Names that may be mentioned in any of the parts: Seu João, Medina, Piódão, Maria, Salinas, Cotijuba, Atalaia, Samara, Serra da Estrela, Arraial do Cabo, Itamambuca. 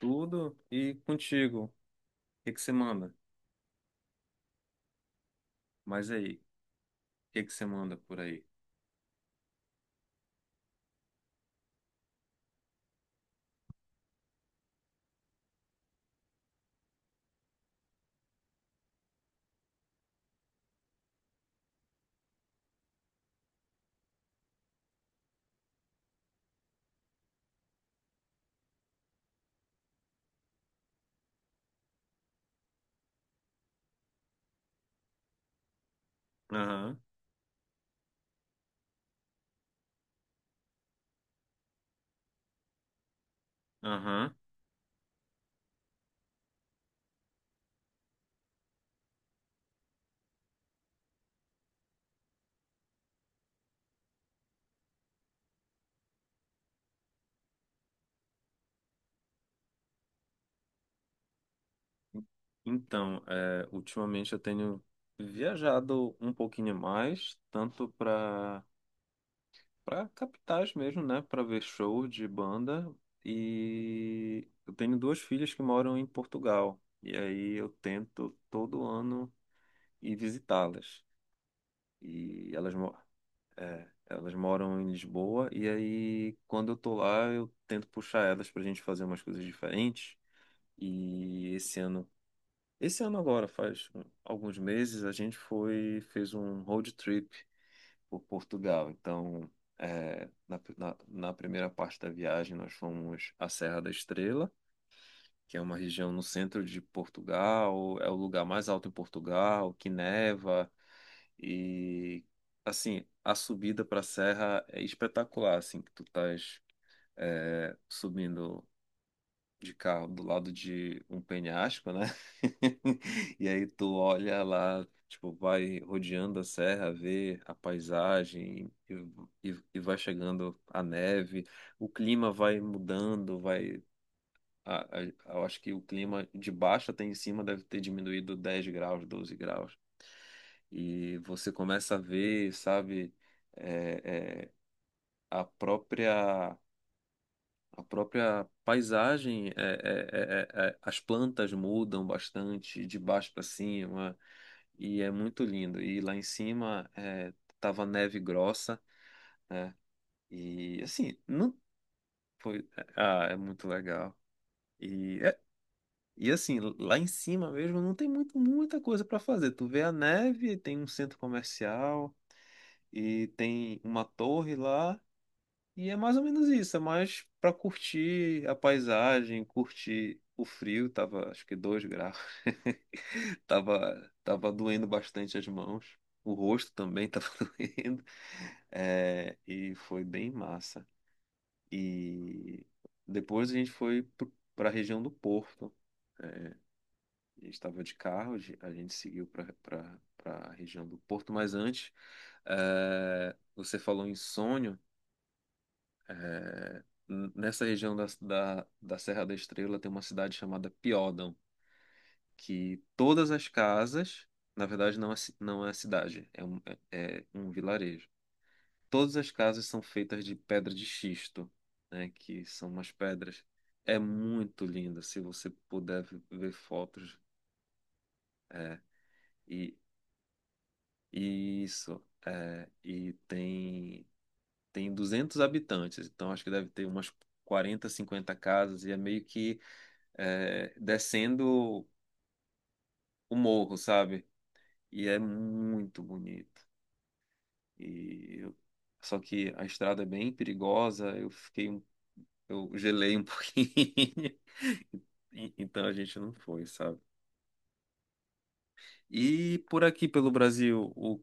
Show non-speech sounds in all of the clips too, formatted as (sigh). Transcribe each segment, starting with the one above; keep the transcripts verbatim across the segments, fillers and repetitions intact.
Tudo e contigo. O que que você manda? Mas aí, o que que você manda por aí? Aham, aham. Então, é, ultimamente eu tenho viajado um pouquinho mais, tanto para para capitais mesmo, né? Para ver show de banda. E eu tenho duas filhas que moram em Portugal. E aí eu tento todo ano ir visitá-las. E elas moram. É, elas moram em Lisboa e aí quando eu tô lá eu tento puxar elas pra gente fazer umas coisas diferentes. E esse ano, esse ano agora, faz um- alguns meses, a gente foi, fez um road trip por Portugal. Então, é, na, na, na primeira parte da viagem nós fomos à Serra da Estrela que é uma região no centro de Portugal, é o lugar mais alto em Portugal, que neva e assim, a subida para a serra é espetacular, assim, que tu estás é, subindo de carro do lado de um penhasco, né? (laughs) E aí tu olha lá, tipo, vai rodeando a serra, vê a paisagem e, e, e vai chegando a neve, o clima vai mudando, vai a- a- eu acho que o clima de baixo até em cima deve ter diminuído dez graus, doze graus. E você começa a ver, sabe, é, é, a própria, a própria paisagem, é, é, é, é, é, as plantas mudam bastante de baixo para cima, e é muito lindo. E lá em cima é, tava neve grossa, né? E assim, não foi, é, ah, é muito legal. E E assim, lá em cima mesmo não tem muito, muita coisa para fazer. Tu vê a neve, tem um centro comercial e tem uma torre lá. E é mais ou menos isso, é mais para curtir a paisagem, curtir o frio, tava acho que dois graus. (laughs) Tava, tava doendo bastante as mãos. O rosto também tava (laughs) doendo. É, e foi bem massa. E depois a gente foi para a região do Porto. eh, a gente estava de carro, a gente seguiu para a região do Porto, mas antes, eh, você falou em sonho. eh, n- Nessa região da, da, da Serra da Estrela tem uma cidade chamada Piódão, que todas as casas, na verdade, não é, ci- não é cidade, é um, é é um vilarejo. Todas as casas são feitas de pedra de xisto, né, que são umas pedras. É muito linda, se você puder ver fotos. É. E isso, é, e tem tem duzentos habitantes, então acho que deve ter umas quarenta, cinquenta casas e é meio que é, descendo o morro, sabe? E é muito bonito. E eu- Só que a estrada é bem perigosa, eu fiquei um- eu gelei um (laughs) pouquinho. E- Então a gente não foi, sabe? E por aqui pelo Brasil. O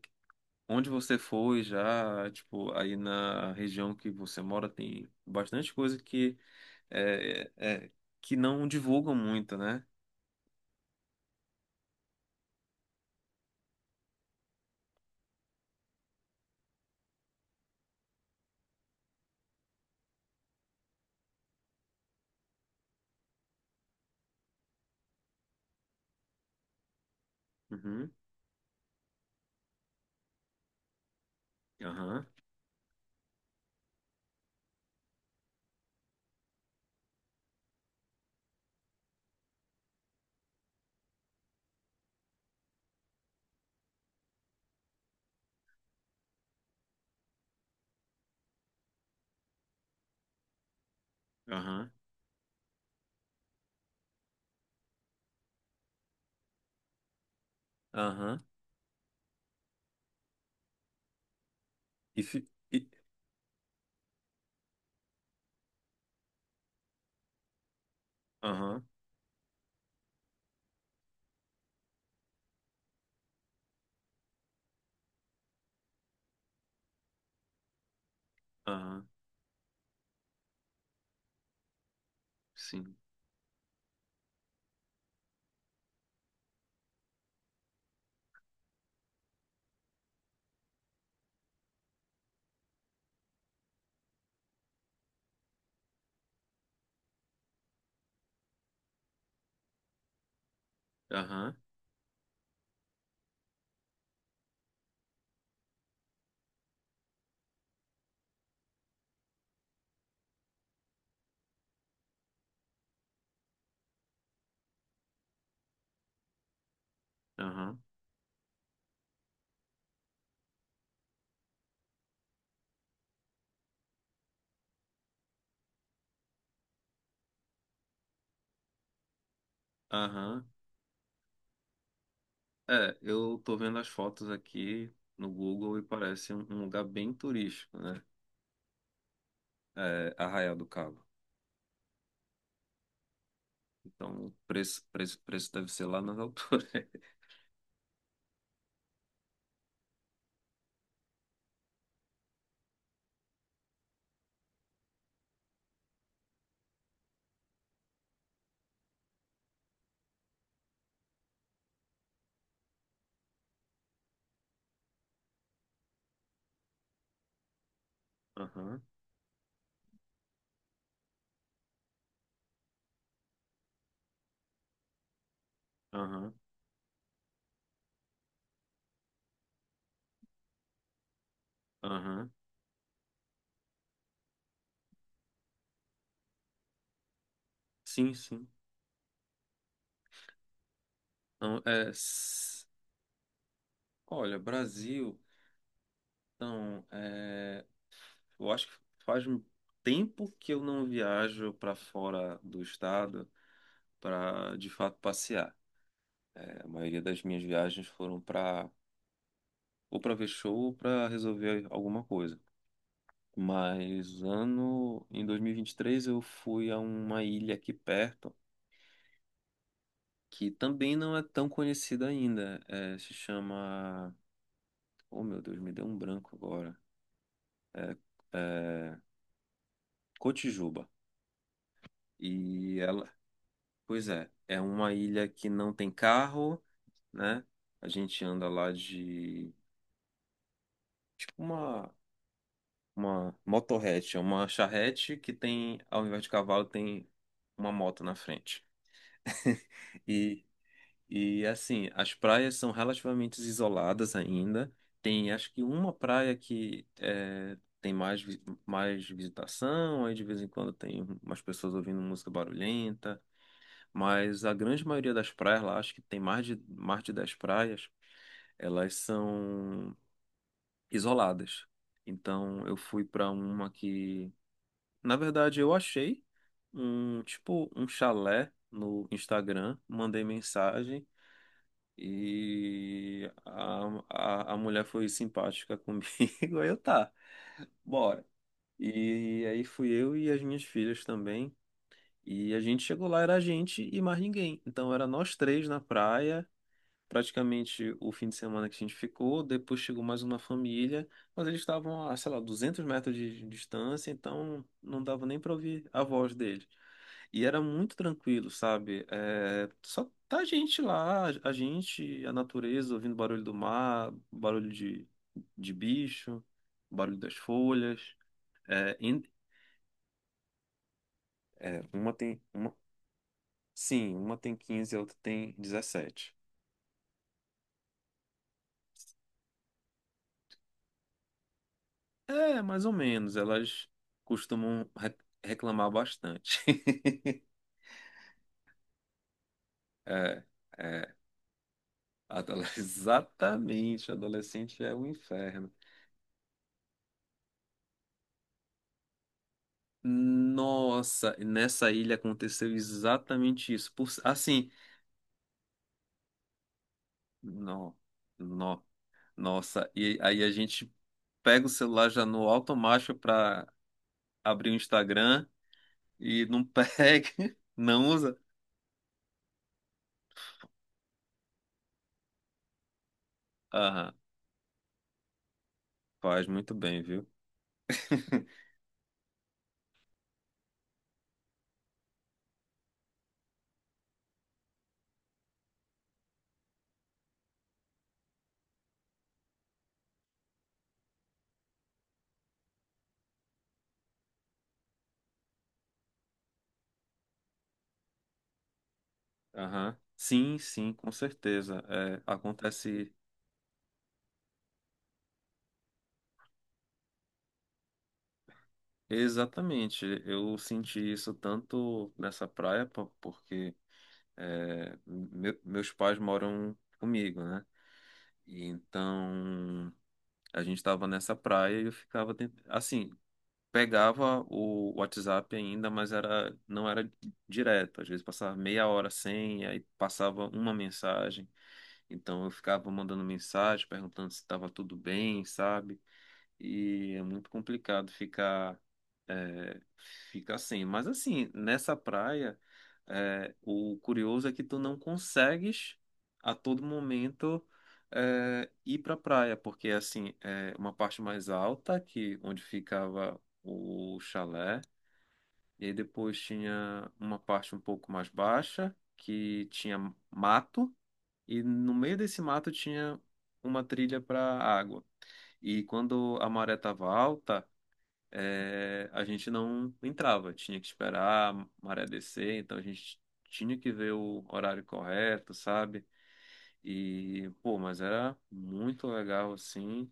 Onde você foi já, tipo, aí na região que você mora tem bastante coisa que é, é- é, que não divulgam muito, né? Uhum. Aham. Aham. Aham. E fi- e- Aham. Aham. Sim. Aham. Aham. Aham. É, eu tô vendo as fotos aqui no Google e parece um um lugar bem turístico, né? É, Arraial do Cabo. Então, o preço, preço, preço deve ser lá nas alturas. (laughs) Aham. Aham. Aham. Sim, sim. Não, é, s- olha, Brasil, então, é, eu acho que faz um tempo que eu não viajo para fora do estado para de fato passear. É, a maioria das minhas viagens foram para ou para ver show ou para resolver alguma coisa. Mas ano em dois mil e e vinte e três eu fui a uma ilha aqui perto que também não é tão conhecida ainda. É, se chama, oh meu Deus, me deu um branco agora. É, Cotijuba. E ela, pois é, é uma ilha que não tem carro, né? A gente anda lá de tipo uma uma motorrete, é uma charrete que tem, ao invés de cavalo, tem uma moto na frente. (laughs) E e assim, as praias são relativamente isoladas ainda. Tem acho que uma praia que é, tem mais vi- mais visitação, aí de vez em quando tem umas pessoas ouvindo música barulhenta. Mas a grande maioria das praias lá, acho que tem mais de, mais de dez praias, elas são isoladas. Então eu fui para uma que, na verdade, eu achei um tipo um chalé no Instagram, mandei mensagem e a, a, a mulher foi simpática comigo. (laughs) Aí eu tá, bora. E aí fui eu e as minhas filhas também. E a gente chegou lá, era a gente e mais ninguém. Então era nós três na praia, praticamente o fim de semana que a gente ficou. Depois chegou mais uma família, mas eles estavam a, sei lá, duzentos metros de distância, então não dava nem para ouvir a voz deles. E era muito tranquilo, sabe? É, só tá a gente lá, a gente, a natureza, ouvindo barulho do mar, barulho de, de bicho, barulho das folhas. É, em- é, uma tem. Uma, sim, uma tem quinze a outra tem dezessete. É, mais ou menos. Elas costumam re- reclamar bastante. (laughs) É, é. Adole- (laughs) Exatamente. Adolescente é o inferno. Nossa, nessa ilha aconteceu exatamente isso. Por- assim, não, não, nossa. E aí a gente pega o celular já no automático para abrir o Instagram e não pega, (laughs) não usa. Aham, faz muito bem, viu? Aham. Sim, sim, com certeza. É, acontece exatamente. Eu senti isso tanto nessa praia, po- porque é, me- meus pais moram comigo, né? E então a gente estava nessa praia e eu ficava tent- assim, pegava o WhatsApp ainda, mas era não era direto. Às vezes passava meia hora sem, e aí passava uma mensagem. Então eu ficava mandando mensagem, perguntando se estava tudo bem, sabe? E é muito complicado ficar é, ficar sem. Mas assim, nessa praia, é, o curioso é que tu não consegues a todo momento é, ir para praia, porque assim é uma parte mais alta que onde ficava o chalé e aí depois tinha uma parte um pouco mais baixa que tinha mato e no meio desse mato tinha uma trilha para água. E quando a maré estava alta, é, a gente não entrava, tinha que esperar a maré descer, então a gente tinha que ver o horário correto, sabe? E, pô, mas era muito legal assim.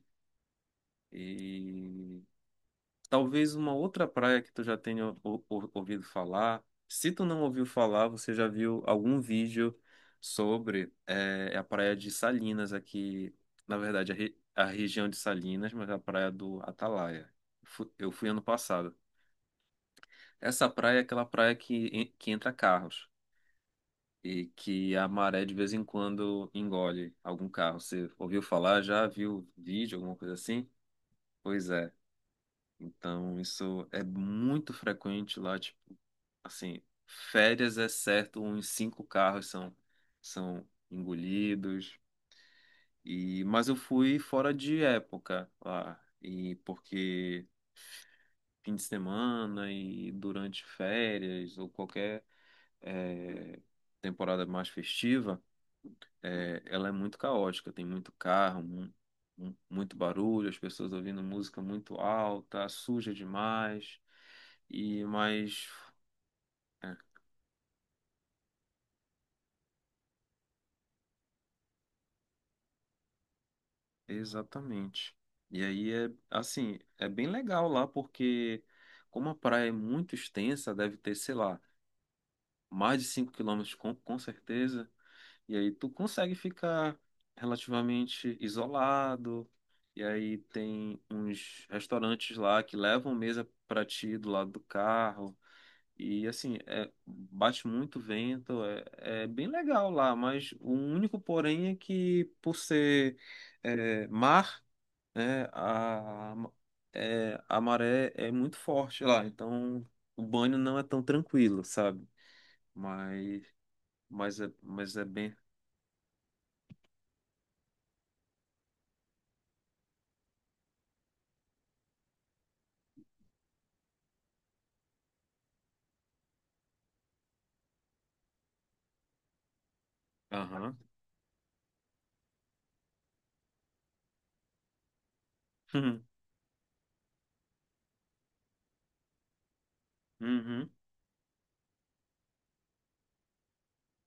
E talvez uma outra praia que tu já tenha ou- ou- ouvido falar. Se tu não ouviu falar, você já viu algum vídeo sobre é, a praia de Salinas aqui, na verdade, a, re- a região de Salinas, mas a praia do Atalaia. Fu- Eu fui ano passado. Essa praia é aquela praia que, en- que entra carros e que a maré de vez em quando engole algum carro. Você ouviu falar? Já viu vídeo, alguma coisa assim? Pois é. Então isso é muito frequente lá, tipo, assim, férias é certo, uns cinco carros são, são engolidos. E, mas eu fui fora de época lá, e porque fim de semana e durante férias ou qualquer é, temporada mais festiva, é, ela é muito caótica, tem muito carro, mu- mu- muito barulho, as pessoas ouvindo música muito alta, suja demais, e mas é, exatamente. E aí é assim, é bem legal lá porque como a praia é muito extensa, deve ter, sei lá, mais de cinco quilômetros com, com certeza. E aí tu consegue ficar relativamente isolado. E aí tem uns restaurantes lá que levam mesa pra ti do lado do carro. E assim, é- bate muito vento, é, é bem legal lá, mas o único porém é que por ser é, mar, né, a, é, a maré é muito forte lá, então o banho não é tão tranquilo, sabe? Mas, mas, é, mas é bem. Aham. (laughs) Uhum.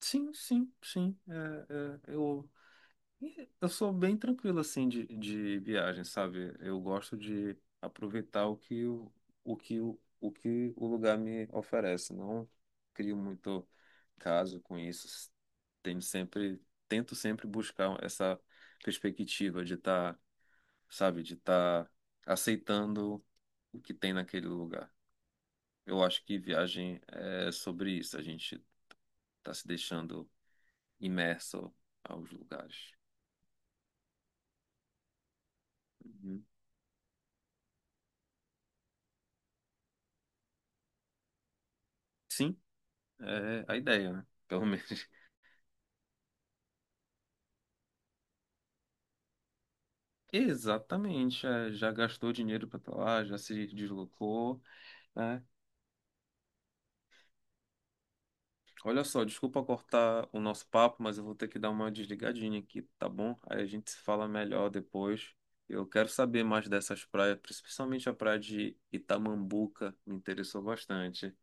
Sim, sim, sim. É, é, eu, eu sou bem tranquilo assim de, de viagem, sabe? Eu gosto de aproveitar o que o, o que o, o que o lugar me oferece. Não crio muito caso com isso. Tenho sempre, tento sempre buscar essa perspectiva de estar, sabe, de estar aceitando o que tem naquele lugar. Eu acho que viagem é sobre isso, a gente está se deixando imerso aos lugares. Uhum. Sim, é a ideia, né? Pelo menos. (laughs) Exatamente. É, já gastou dinheiro para lá, já se deslocou, né? Olha só, desculpa cortar o nosso papo, mas eu vou ter que dar uma desligadinha aqui, tá bom? Aí a gente se fala melhor depois. Eu quero saber mais dessas praias, principalmente a praia de Itamambuca, me interessou bastante.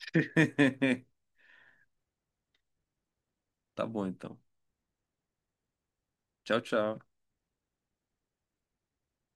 (laughs) Tá bom, então. Tchau, tchau.